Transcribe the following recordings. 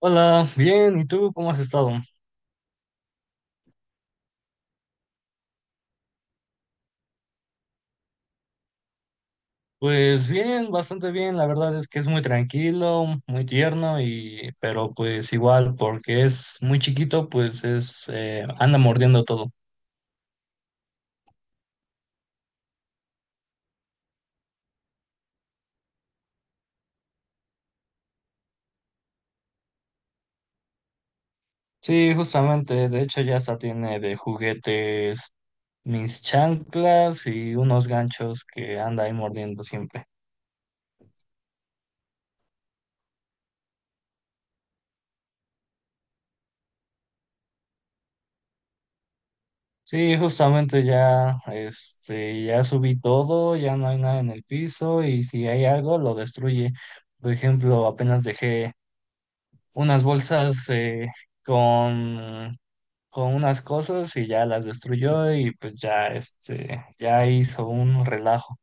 Hola, bien, ¿y tú cómo has estado? Pues bien, bastante bien, la verdad es que es muy tranquilo, muy tierno y pero pues igual porque es muy chiquito, pues es anda mordiendo todo. Sí, justamente, de hecho ya hasta tiene de juguetes mis chanclas y unos ganchos que anda ahí mordiendo siempre. Sí, justamente ya este ya subí todo, ya no hay nada en el piso y si hay algo lo destruye. Por ejemplo, apenas dejé unas bolsas con, con unas cosas y ya las destruyó y pues ya, este, ya hizo un relajo.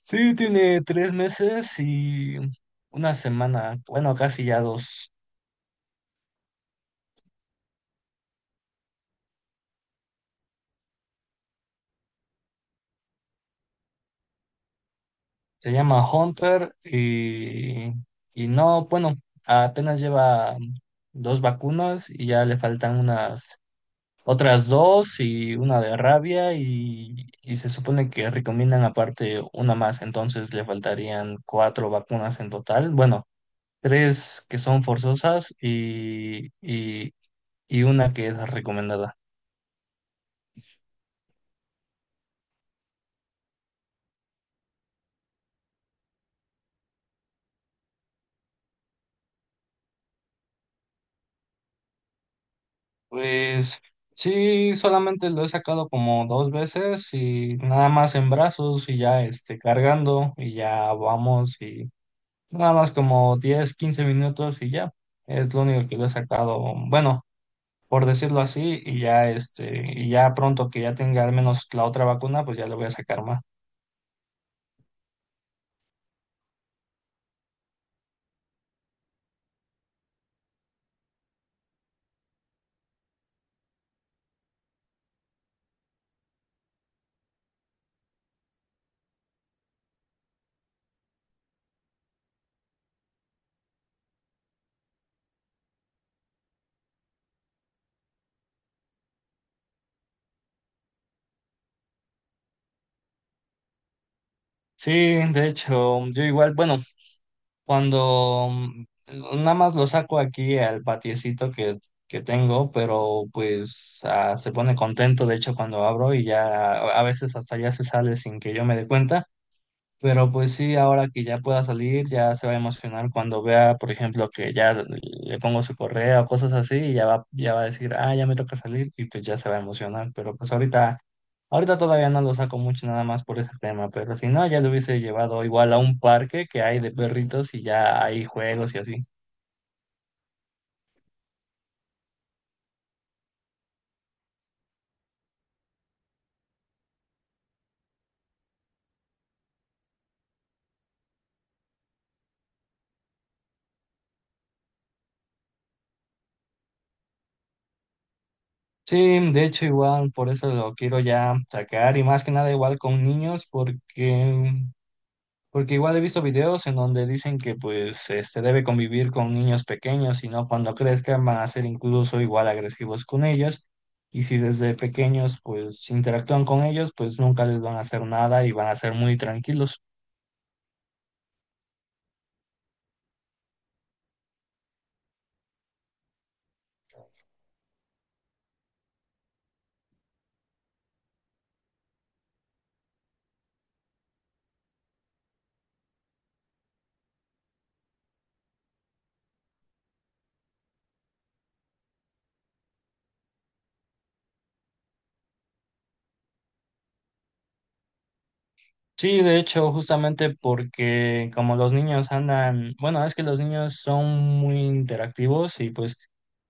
Sí, tiene 3 meses y una semana, bueno, casi ya dos. Se llama Hunter y no, bueno, apenas lleva dos vacunas y ya le faltan unas otras dos y una de rabia y se supone que recomiendan aparte una más, entonces le faltarían cuatro vacunas en total. Bueno, tres que son forzosas y una que es recomendada. Pues sí, solamente lo he sacado como dos veces y nada más en brazos y ya este, cargando y ya vamos y nada más como 10 15 minutos y ya. Es lo único que lo he sacado. Bueno, por decirlo así, y ya este, y ya pronto que ya tenga al menos la otra vacuna, pues ya le voy a sacar más. Sí, de hecho, yo igual, bueno, cuando nada más lo saco aquí al patiecito que tengo, pero pues ah, se pone contento, de hecho, cuando abro y ya a veces hasta ya se sale sin que yo me dé cuenta. Pero pues sí, ahora que ya pueda salir, ya se va a emocionar cuando vea, por ejemplo, que ya le pongo su correa o cosas así, y ya va a decir, ah, ya me toca salir, y pues ya se va a emocionar. Pero pues ahorita todavía no lo saco mucho nada más por ese tema, pero si no, ya lo hubiese llevado igual a un parque que hay de perritos y ya hay juegos y así. Sí, de hecho igual por eso lo quiero ya sacar y más que nada igual con niños porque igual he visto videos en donde dicen que pues este debe convivir con niños pequeños y no cuando crezcan van a ser incluso igual agresivos con ellas. Y si desde pequeños pues interactúan con ellos, pues nunca les van a hacer nada y van a ser muy tranquilos. Sí, de hecho, justamente porque como los niños andan, bueno, es que los niños son muy interactivos y pues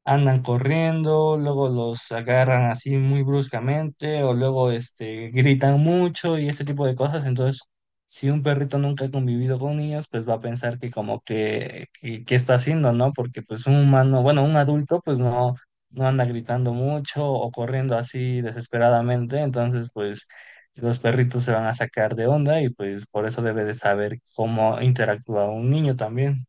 andan corriendo, luego los agarran así muy bruscamente o luego este gritan mucho y ese tipo de cosas, entonces si un perrito nunca ha convivido con niños, pues va a pensar que como que que está haciendo, ¿no? Porque pues un humano, bueno, un adulto pues no anda gritando mucho o corriendo así desesperadamente, entonces pues los perritos se van a sacar de onda y pues por eso debe de saber cómo interactúa un niño también.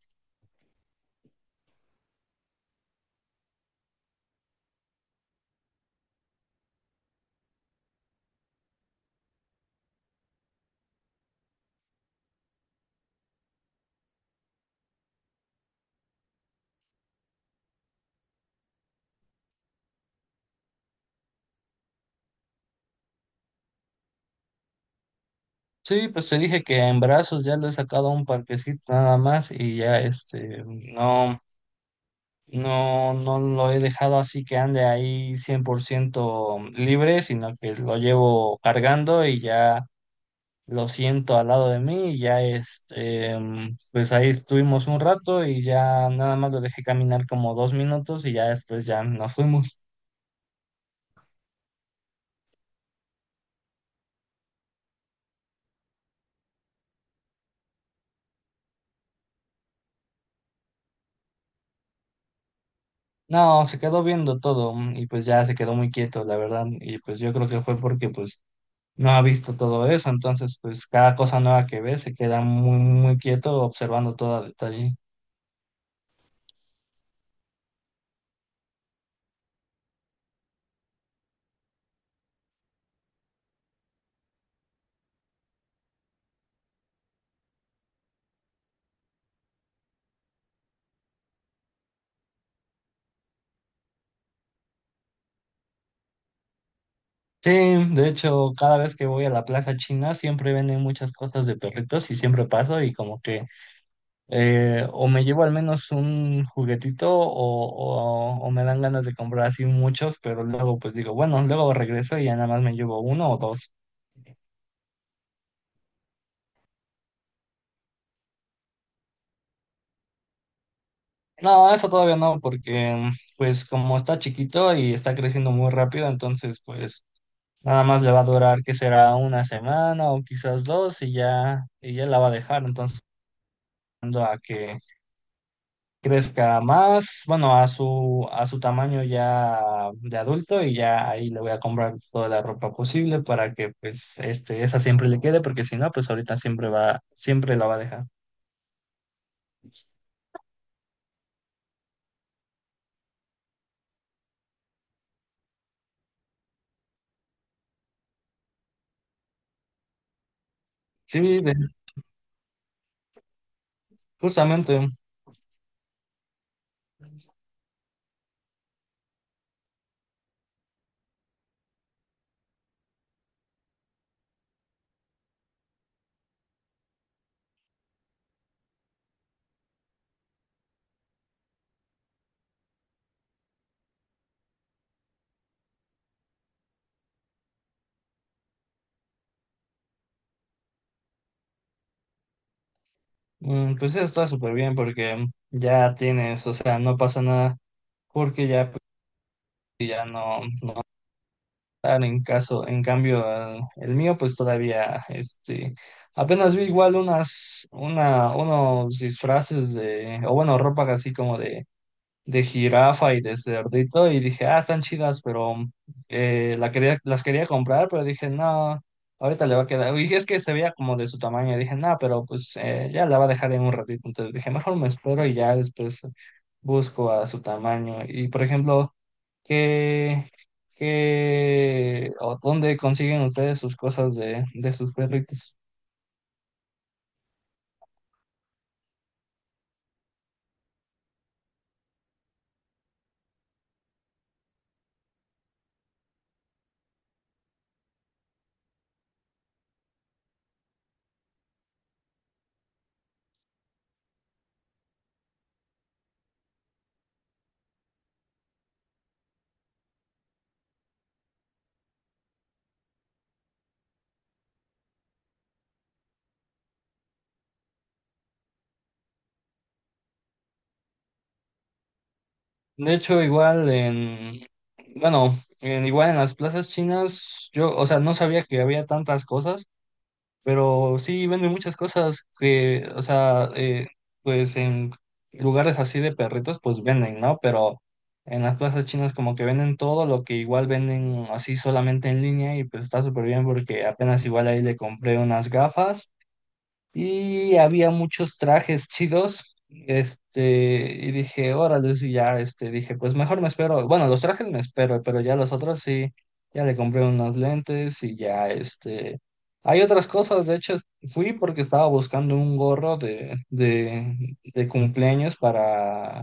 Sí, pues te dije que en brazos ya lo he sacado a un parquecito nada más y ya este, no, no, no lo he dejado así que ande ahí 100% libre, sino que lo llevo cargando y ya lo siento al lado de mí y ya este, pues ahí estuvimos un rato y ya nada más lo dejé caminar como 2 minutos y ya después ya nos fuimos. No, se quedó viendo todo y pues ya se quedó muy quieto, la verdad. Y pues yo creo que fue porque pues no ha visto todo eso. Entonces, pues cada cosa nueva que ve se queda muy, muy quieto observando todo a detalle. Sí, de hecho, cada vez que voy a la Plaza China siempre venden muchas cosas de perritos y siempre paso y como que o me llevo al menos un juguetito o, o me dan ganas de comprar así muchos, pero luego pues digo, bueno, luego regreso y ya nada más me llevo uno o dos. No, eso todavía no, porque pues como está chiquito y está creciendo muy rápido, entonces pues nada más le va a durar que será una semana o quizás dos y ya la va a dejar. Entonces, esperando a que crezca más, bueno, a su tamaño ya de adulto y ya ahí le voy a comprar toda la ropa posible para que pues este, esa siempre le quede, porque si no, pues ahorita siempre va, siempre la va a dejar. Sí, de- justamente. Mm, pues eso está súper bien porque ya tienes, o sea, no pasa nada porque ya, pues, si ya no, no están en caso, en cambio el mío pues todavía, este, apenas vi igual unas, una, unos disfraces de, o bueno, ropa así como de jirafa y de cerdito y dije, ah, están chidas, pero la quería, las quería comprar, pero dije, no, ahorita le va a quedar. Y es que se veía como de su tamaño, dije, no, pero pues ya la va a dejar en un ratito. Entonces dije, mejor me espero y ya después busco a su tamaño. Y por ejemplo, ¿qué, qué o dónde consiguen ustedes sus cosas de sus perritos? De hecho, igual en, bueno, igual en las plazas chinas, yo, o sea, no sabía que había tantas cosas, pero sí venden muchas cosas que, o sea, pues en lugares así de perritos, pues venden, ¿no? Pero en las plazas chinas como que venden todo lo que igual venden así solamente en línea y pues está súper bien porque apenas igual ahí le compré unas gafas. Y había muchos trajes chidos. Este, y dije, órale, y ya, este, dije, pues mejor me espero. Bueno, los trajes me espero, pero ya los otros sí, ya le compré unos lentes y ya, este. Hay otras cosas, de hecho, fui porque estaba buscando un gorro de cumpleaños para,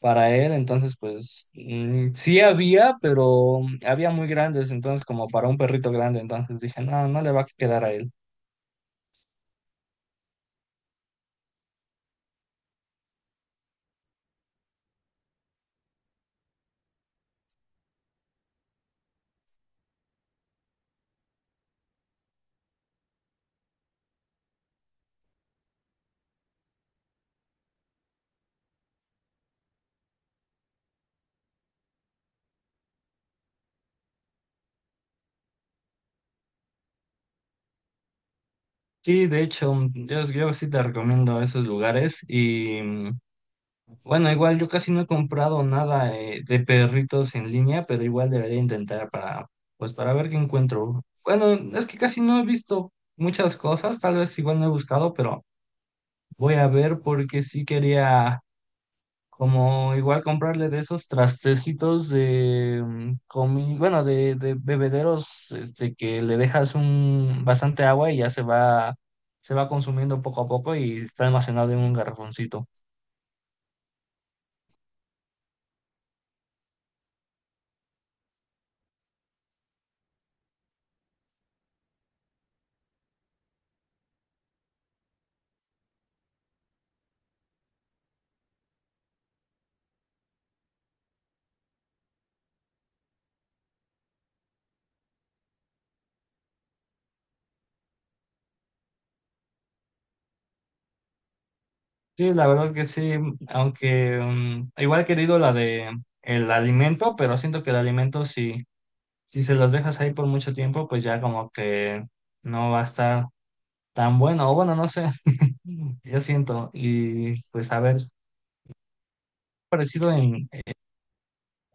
para él, entonces, pues, mm, sí había, pero había muy grandes, entonces, como para un perrito grande, entonces dije, no, no le va a quedar a él. Sí, de hecho, yo sí te recomiendo esos lugares y bueno, igual yo casi no he comprado nada de perritos en línea, pero igual debería intentar para, pues para ver qué encuentro. Bueno, es que casi no he visto muchas cosas, tal vez igual no he buscado, pero voy a ver porque sí quería como igual comprarle de esos trastecitos de bueno, de, bebederos, este, que le dejas un bastante agua y ya se va consumiendo poco a poco y está almacenado en un garrafoncito. Sí, la verdad que sí, aunque igual he querido la de el alimento, pero siento que el alimento si se los dejas ahí por mucho tiempo, pues ya como que no va a estar tan bueno, o bueno, no sé, yo siento, y pues a ver parecido en,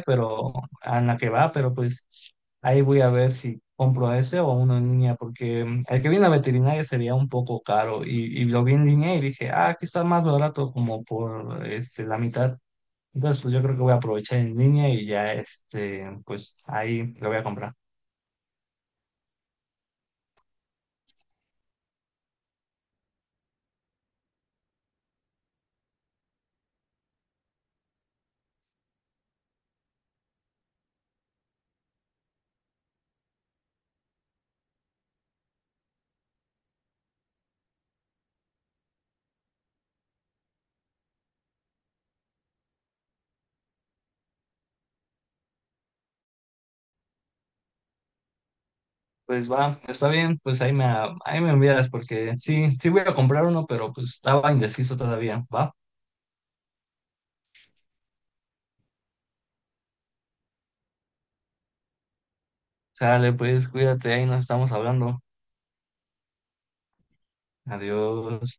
pero a la que va, pero pues ahí voy a ver si compro ese o uno en línea, porque el que viene a veterinaria sería un poco caro y lo vi en línea y dije, ah, aquí está más barato como por este, la mitad. Entonces, pues yo creo que voy a aprovechar en línea y ya, este, pues ahí lo voy a comprar. Pues va, está bien, pues ahí me envías porque sí, sí voy a comprar uno, pero pues estaba indeciso todavía, ¿va? Sale, pues cuídate, ahí nos estamos hablando. Adiós.